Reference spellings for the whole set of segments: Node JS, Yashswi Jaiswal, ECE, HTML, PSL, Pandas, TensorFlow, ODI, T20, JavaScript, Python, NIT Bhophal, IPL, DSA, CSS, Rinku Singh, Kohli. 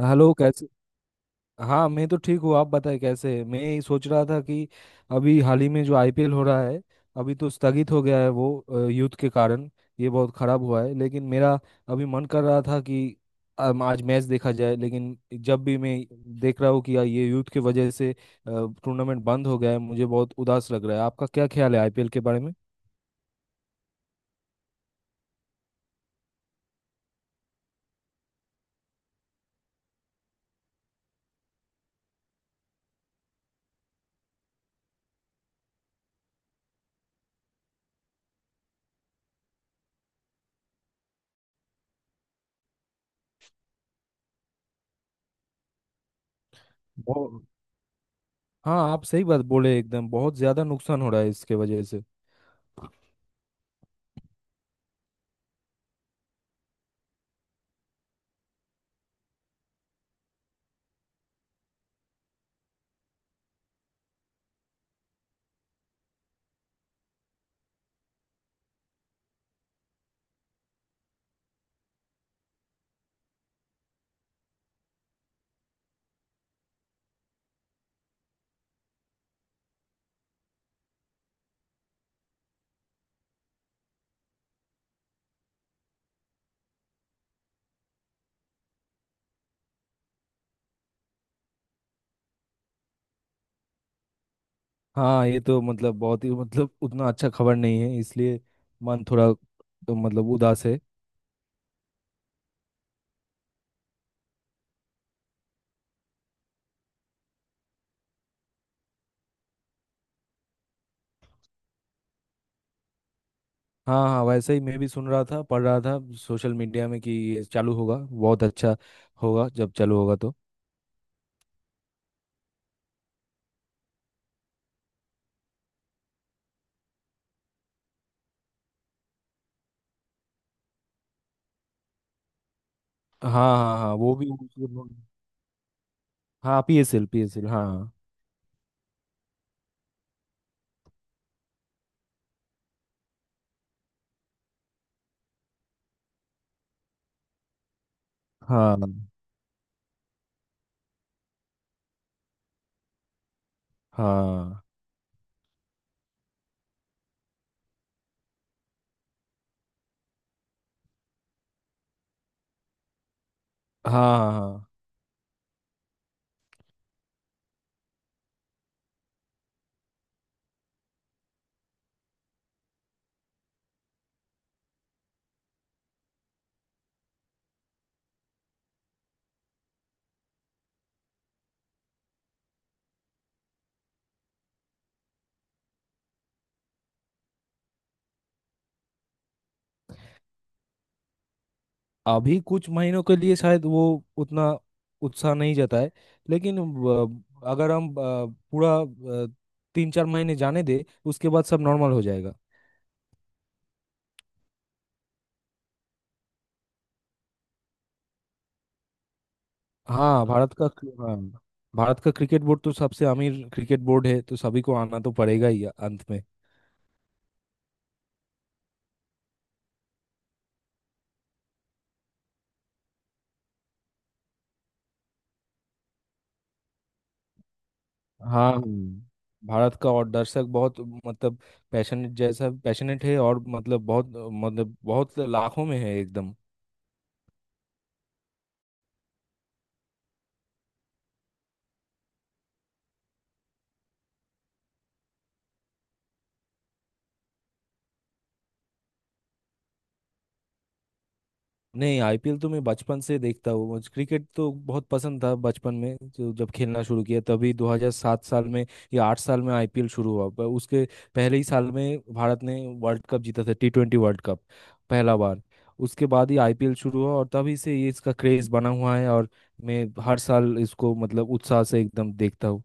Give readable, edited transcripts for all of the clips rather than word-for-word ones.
Hello कैसे। हाँ मैं तो ठीक हूँ, आप बताएं कैसे हैं? मैं यही सोच रहा था कि अभी हाल ही में जो आईपीएल हो रहा है, अभी तो स्थगित हो गया है वो युद्ध के कारण। ये बहुत खराब हुआ है, लेकिन मेरा अभी मन कर रहा था कि आज मैच देखा जाए। लेकिन जब भी मैं देख रहा हूँ कि यार ये युद्ध की वजह से टूर्नामेंट बंद हो गया है, मुझे बहुत उदास लग रहा है। आपका क्या ख्याल है आईपीएल के बारे में? बहुत। हाँ आप सही बात बोले एकदम, बहुत ज्यादा नुकसान हो रहा है इसके वजह से। हाँ ये तो मतलब बहुत ही मतलब उतना अच्छा खबर नहीं है, इसलिए मन थोड़ा तो मतलब उदास है। हाँ हाँ, वैसे ही मैं भी सुन रहा था, पढ़ रहा था सोशल मीडिया में कि ये चालू होगा। बहुत अच्छा होगा जब चालू होगा तो। हाँ। हाँ हाँ, वो भी। हाँ, पीएसएल, पीएसएल, हाँ। हाँ। हाँ। हाँ। हाँ। अभी कुछ महीनों के लिए शायद वो उतना उत्साह नहीं जाता है। लेकिन अगर हम पूरा अ, तीन चार महीने जाने दे, उसके बाद सब नॉर्मल हो जाएगा। हाँ, भारत का। हाँ, भारत का क्रिकेट बोर्ड तो सबसे अमीर क्रिकेट बोर्ड है, तो सभी को आना तो पड़ेगा ही अंत में। हाँ, भारत का और दर्शक बहुत मतलब पैशनेट, जैसा पैशनेट है, और मतलब बहुत लाखों में है एकदम। नहीं, आईपीएल तो मैं बचपन से देखता हूँ। मुझे क्रिकेट तो बहुत पसंद था बचपन में, जो जब खेलना शुरू किया, तभी 2007 साल में या 8 साल में आईपीएल शुरू हुआ। पर उसके पहले ही साल में भारत ने वर्ल्ड कप जीता था, T20 वर्ल्ड कप, पहला बार। उसके बाद ही आईपीएल शुरू हुआ और तभी से ये इसका क्रेज बना हुआ है, और मैं हर साल इसको मतलब उत्साह से एकदम देखता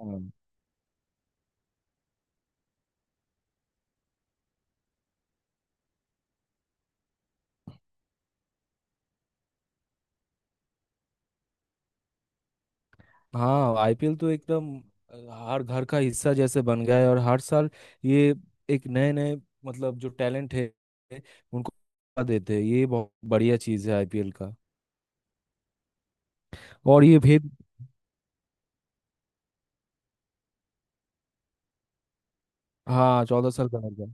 हूँ। हाँ, आईपीएल तो एकदम हर घर का हिस्सा जैसे बन गया है, और हर साल ये एक नए नए मतलब जो टैलेंट है उनको मौका देते हैं। ये बहुत बढ़िया चीज़ है आईपीएल का। और ये भेद। हाँ, चौदह साल का होगा।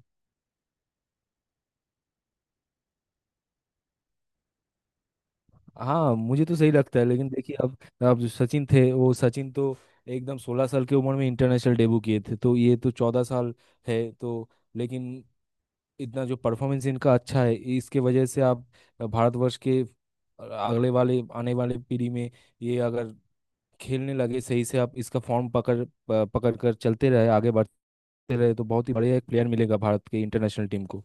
हाँ मुझे तो सही लगता है। लेकिन देखिए, अब जो सचिन थे, वो सचिन तो एकदम सोलह साल की उम्र में इंटरनेशनल डेब्यू किए थे, तो ये तो चौदह साल है तो। लेकिन इतना जो परफॉर्मेंस इनका अच्छा है, इसके वजह से आप भारतवर्ष के अगले वाले आने वाले पीढ़ी में ये अगर खेलने लगे सही से, आप इसका फॉर्म पकड़ पकड़ कर चलते रहे, आगे बढ़ते रहे, तो बहुत ही बढ़िया एक प्लेयर मिलेगा भारत के इंटरनेशनल टीम को।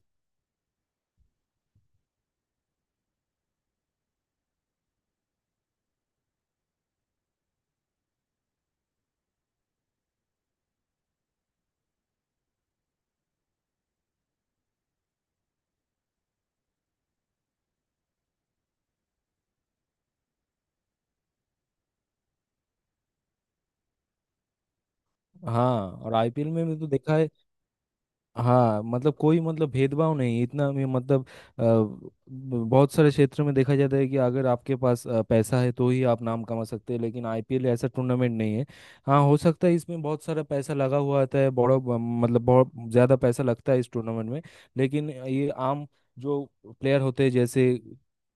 हाँ, और आईपीएल में भी तो देखा है। हाँ, मतलब कोई मतलब भेदभाव नहीं इतना में मतलब अ, ब- बहुत सारे क्षेत्र में देखा जाता है कि अगर आपके पास पैसा है तो ही आप नाम कमा सकते हैं, लेकिन आईपीएल ऐसा टूर्नामेंट नहीं है। हाँ, हो सकता है इसमें बहुत सारा पैसा लगा हुआ आता है, बड़ा मतलब बहुत ज़्यादा पैसा लगता है इस टूर्नामेंट में। लेकिन ये आम जो प्लेयर होते हैं, जैसे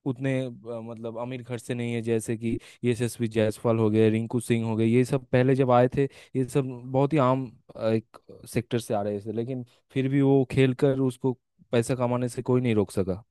उतने मतलब अमीर घर से नहीं है, जैसे कि यशस्वी जायसवाल हो गए, रिंकू सिंह हो गए, ये सब पहले जब आए थे, ये सब बहुत ही आम एक सेक्टर से आ रहे थे। लेकिन फिर भी वो खेल कर, उसको पैसा कमाने से कोई नहीं रोक सका।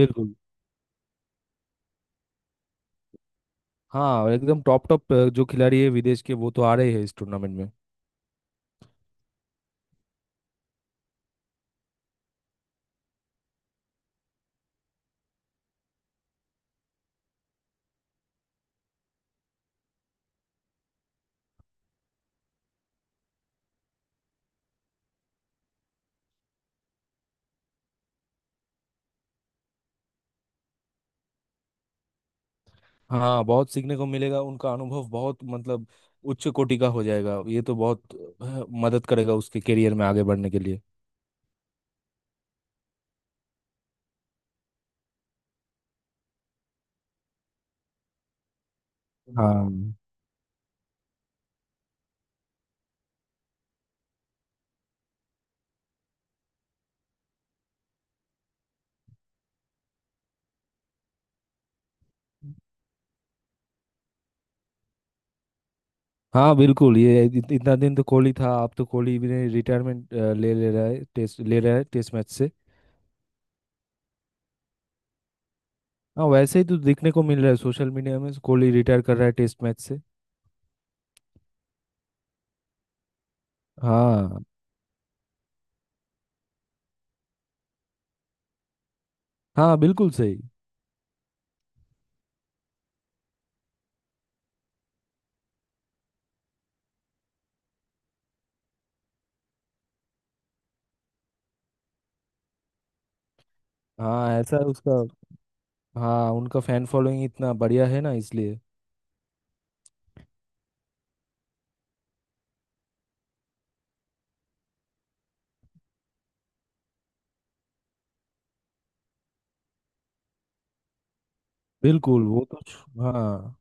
बिल्कुल। हाँ, एकदम टॉप टॉप जो खिलाड़ी है विदेश के, वो तो आ रहे हैं इस टूर्नामेंट में। हाँ, बहुत सीखने को मिलेगा। उनका अनुभव बहुत मतलब उच्च कोटि का हो जाएगा। ये तो बहुत मदद करेगा उसके करियर में आगे बढ़ने के लिए। हाँ हाँ बिल्कुल। ये इतना दिन तो कोहली था, अब तो कोहली भी रिटायरमेंट ले ले रहा है, टेस्ट ले रहा है, टेस्ट मैच से। हाँ, वैसे ही तो देखने को मिल रहा है सोशल मीडिया में, कोहली रिटायर कर रहा है टेस्ट मैच से। हाँ हाँ बिल्कुल सही। हाँ, ऐसा उसका। हाँ, उनका फैन फॉलोइंग इतना बढ़िया है ना, इसलिए। बिल्कुल। वो तो हाँ,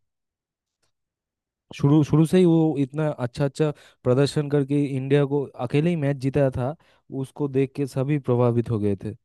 शुरू शुरू से ही वो इतना अच्छा अच्छा प्रदर्शन करके इंडिया को अकेले ही मैच जीता था। उसको देख के सभी प्रभावित हो गए थे।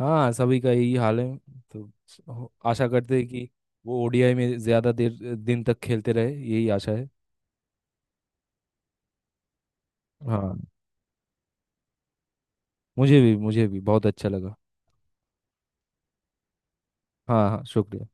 हाँ सभी का यही हाल है, तो आशा करते हैं कि वो ओडीआई में ज्यादा देर दिन तक खेलते रहे, यही आशा है। हाँ मुझे भी बहुत अच्छा लगा। हाँ हाँ शुक्रिया।